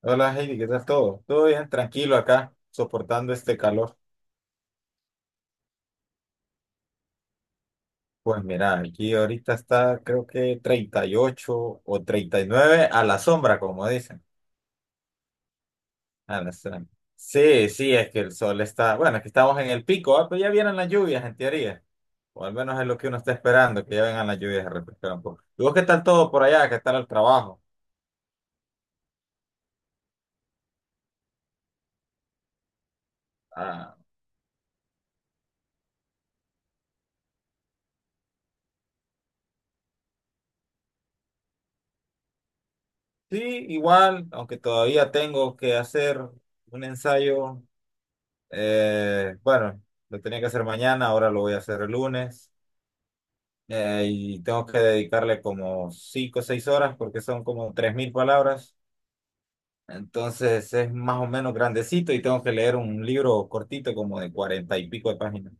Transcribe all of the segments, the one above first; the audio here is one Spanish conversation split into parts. Hola Heidi, ¿qué tal todo? Todo bien, tranquilo acá, soportando este calor. Pues mira, aquí ahorita está creo que 38 o 39 a la sombra, como dicen. A la sombra. Sí, sí, es que el sol está, bueno, es que estamos en el pico. Pero ya vienen las lluvias en teoría, o al menos es lo que uno está esperando, que ya vengan las lluvias a refrescar un poco. ¿Y vos qué tal todo por allá? ¿Qué tal el trabajo? Ah, sí, igual, aunque todavía tengo que hacer un ensayo. Bueno, lo tenía que hacer mañana, ahora lo voy a hacer el lunes. Y tengo que dedicarle como 5 o 6 horas porque son como 3000 palabras. Entonces es más o menos grandecito y tengo que leer un libro cortito como de 40 y pico de páginas.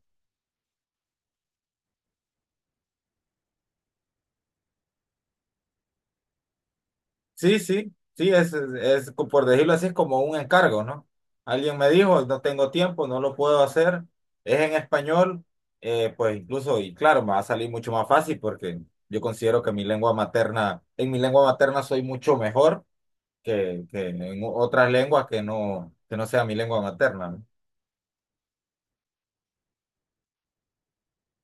Sí, sí, sí, es, por decirlo así, es como un encargo, ¿no? Alguien me dijo, no tengo tiempo, no lo puedo hacer, es en español, pues incluso, y claro, me va a salir mucho más fácil porque yo considero que mi lengua materna, en mi lengua materna soy mucho mejor que en otras lenguas que no sea mi lengua materna, ¿no?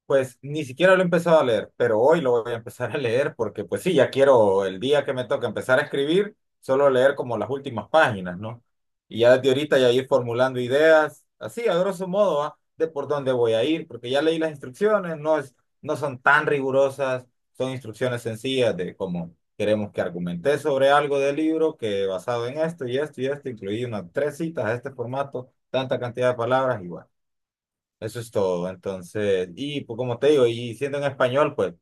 Pues ni siquiera lo he empezado a leer, pero hoy lo voy a empezar a leer porque pues sí, ya quiero el día que me toca empezar a escribir, solo leer como las últimas páginas, ¿no? Y ya desde ahorita ya ir formulando ideas, así a grosso modo, ¿va? De por dónde voy a ir, porque ya leí las instrucciones, no son tan rigurosas, son instrucciones sencillas de cómo queremos que argumenté sobre algo del libro que basado en esto y esto y esto, incluí unas tres citas a este formato, tanta cantidad de palabras igual. Eso es todo. Entonces, y pues, como te digo, y siendo en español, pues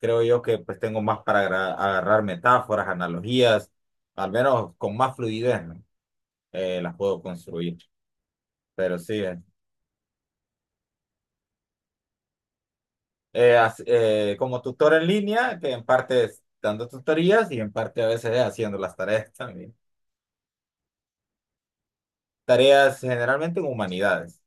creo yo que pues tengo más para agarrar metáforas, analogías, al menos con más fluidez, ¿no? Las puedo construir. Pero sí, como tutor en línea, que en parte es dando tutorías y en parte a veces haciendo las tareas también. Tareas generalmente en humanidades,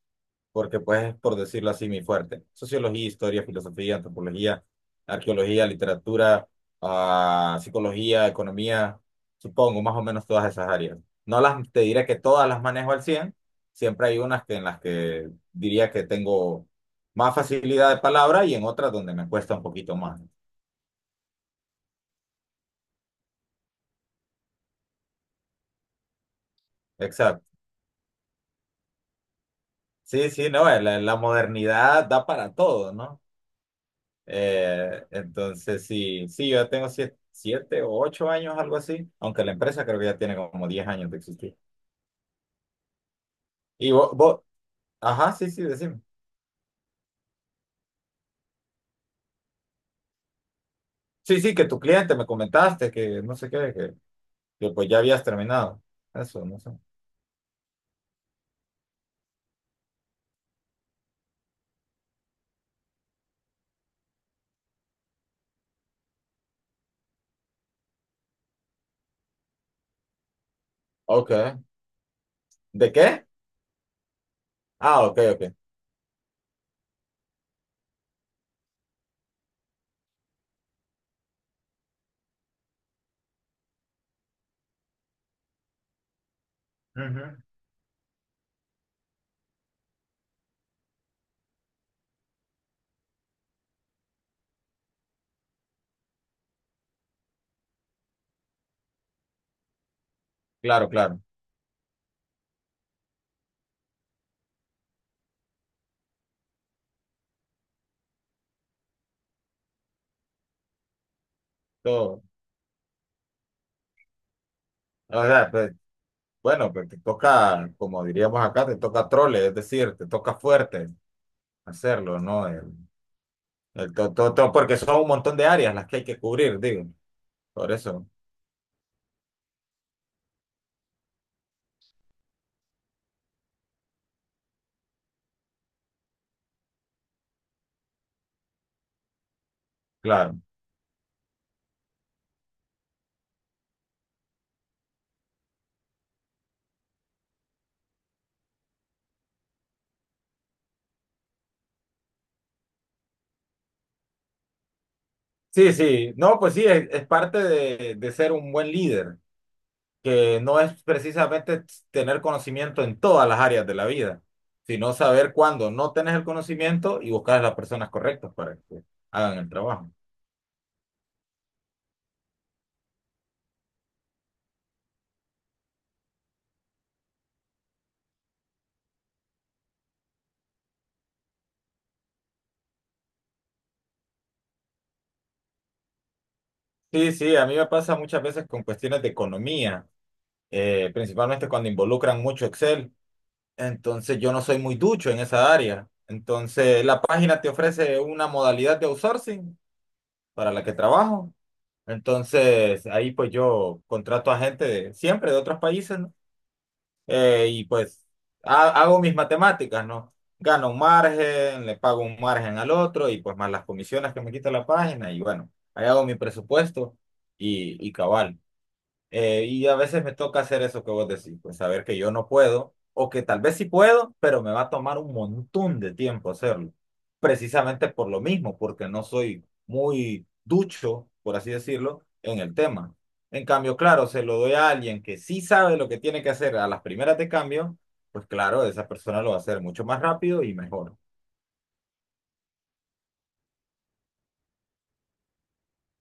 porque pues es, por decirlo así, mi fuerte. Sociología, historia, filosofía, antropología, arqueología, literatura, psicología, economía, supongo, más o menos todas esas áreas. No las, Te diré que todas las manejo al cien, siempre hay unas que en las que diría que tengo más facilidad de palabra y en otras donde me cuesta un poquito más. Exacto. Sí, sí, no, la modernidad da para todo, ¿no? Entonces, sí, sí, yo ya tengo 7 u 8 años, algo así, aunque la empresa creo que ya tiene como 10 años de existir. Y vos, ajá, sí, sí, decime. Sí, sí, que tu cliente me comentaste que no sé qué, que pues ya habías terminado. Eso, no sé. Ok. ¿De qué? Ah, ok, ok. Ujú. Claro, claro. Todo. O sea, pues, bueno, pues te toca, como diríamos acá, te toca trole, es decir, te toca fuerte hacerlo, ¿no? El to- to- to- porque son un montón de áreas las que hay que cubrir, digo. Por eso, claro. Sí, sí. No, pues sí, es parte de ser un buen líder, que no es precisamente tener conocimiento en todas las áreas de la vida, sino saber cuándo no tenés el conocimiento y buscar a las personas correctas para que hagan el trabajo. Sí, sí, a mí me pasa muchas veces con cuestiones de economía, principalmente cuando involucran mucho Excel. Entonces yo no soy muy ducho en esa área. Entonces la página te ofrece una modalidad de outsourcing para la que trabajo. Entonces ahí pues yo contrato a gente siempre de otros países, ¿no? Y pues hago mis matemáticas, ¿no? Gano un margen, le pago un margen al otro y pues más las comisiones que me quita la página y bueno, ahí hago mi presupuesto y cabal. Y a veces me toca hacer eso que vos decís, pues saber que yo no puedo, o que tal vez sí puedo, pero me va a tomar un montón de tiempo hacerlo. Precisamente por lo mismo, porque no soy muy ducho, por así decirlo, en el tema. En cambio, claro, se lo doy a alguien que sí sabe lo que tiene que hacer a las primeras de cambio, pues claro, esa persona lo va a hacer mucho más rápido y mejor.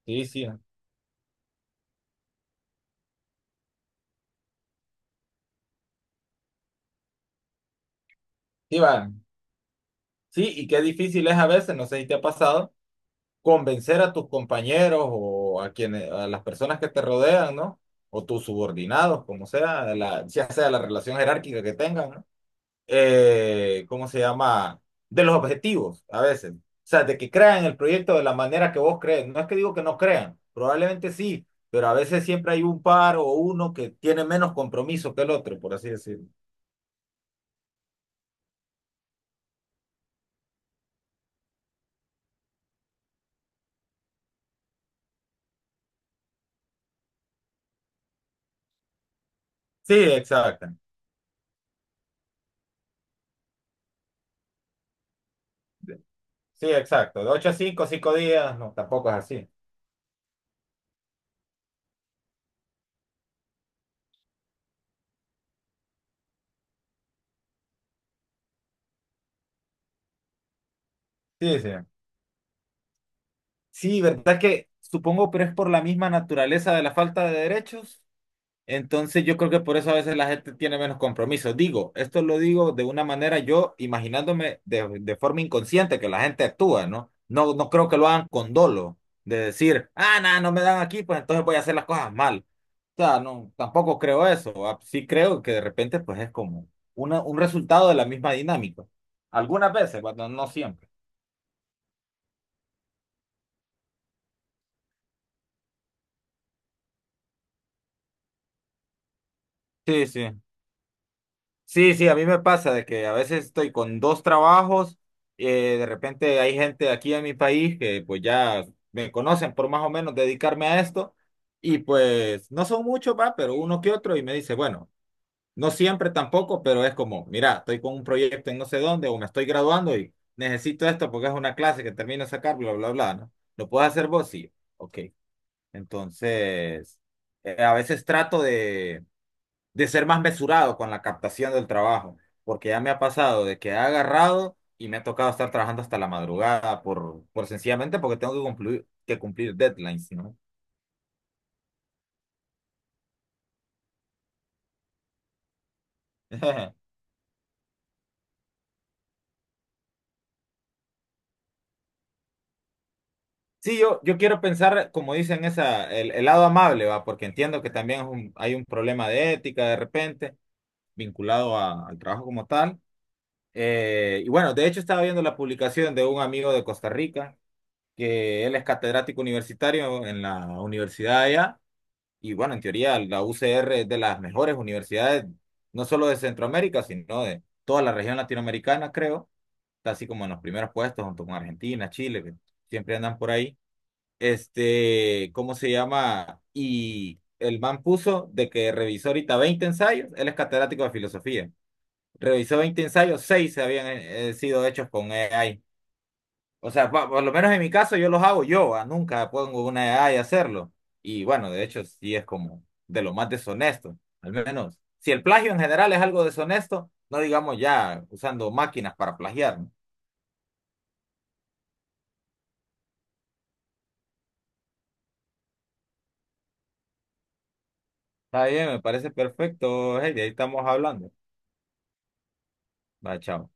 Sí, sí, sí, va. Sí, y qué difícil es a veces, no sé si te ha pasado convencer a tus compañeros o a las personas que te rodean, ¿no? O tus subordinados, como sea, ya sea la relación jerárquica que tengan, ¿no? ¿Cómo se llama? De los objetivos, a veces. O sea, de que crean el proyecto de la manera que vos crees. No es que digo que no crean, probablemente sí, pero a veces siempre hay un par o uno que tiene menos compromiso que el otro, por así decirlo. Sí, exacto. Sí, exacto. De 8 a 5, 5 días, no, tampoco es así. Sí, sí. Sí, verdad que supongo, pero es por la misma naturaleza de la falta de derechos. Entonces yo creo que por eso a veces la gente tiene menos compromiso. Digo, esto lo digo de una manera yo imaginándome de forma inconsciente que la gente actúa, ¿no? No, no creo que lo hagan con dolo, de decir, ah, nada, no me dan aquí, pues entonces voy a hacer las cosas mal. O sea, no, tampoco creo eso. Ah, sí creo que de repente pues es como un resultado de la misma dinámica. Algunas veces, cuando no siempre. Sí, sí. Sí, sí, a mí me pasa de que a veces estoy con dos trabajos, de repente hay gente aquí en mi país que pues ya me conocen por más o menos dedicarme a esto y pues no son muchos, va, pero uno que otro y me dice, bueno, no siempre tampoco, pero es como, mira, estoy con un proyecto en no sé dónde o me estoy graduando y necesito esto porque es una clase que termino de sacar, bla, bla, bla, ¿no? ¿Lo puedes hacer vos? Sí, ok. Entonces, a veces trato de ser más mesurado con la captación del trabajo, porque ya me ha pasado de que he agarrado y me ha tocado estar trabajando hasta la madrugada por sencillamente porque tengo que que cumplir deadlines, ¿no? Sí, yo quiero pensar, como dicen, esa, el lado amable, ¿va? Porque entiendo que también hay un problema de ética de repente vinculado al trabajo como tal. Y bueno, de hecho estaba viendo la publicación de un amigo de Costa Rica, que él es catedrático universitario en la universidad allá. Y bueno, en teoría la UCR es de las mejores universidades, no solo de Centroamérica, sino de toda la región latinoamericana, creo. Está así como en los primeros puestos, junto con Argentina, Chile, que siempre andan por ahí. Este, ¿cómo se llama? Y el man puso de que revisó ahorita 20 ensayos, él es catedrático de filosofía. Revisó 20 ensayos, seis se habían sido hechos con AI. O sea, por lo menos en mi caso yo los hago yo, nunca pongo una edad de hacerlo. Y bueno, de hecho sí es como de lo más deshonesto, al menos. Si el plagio en general es algo deshonesto, no digamos ya usando máquinas para plagiar, ¿no? Está bien, me parece perfecto, hey, de ahí estamos hablando. Va, chao.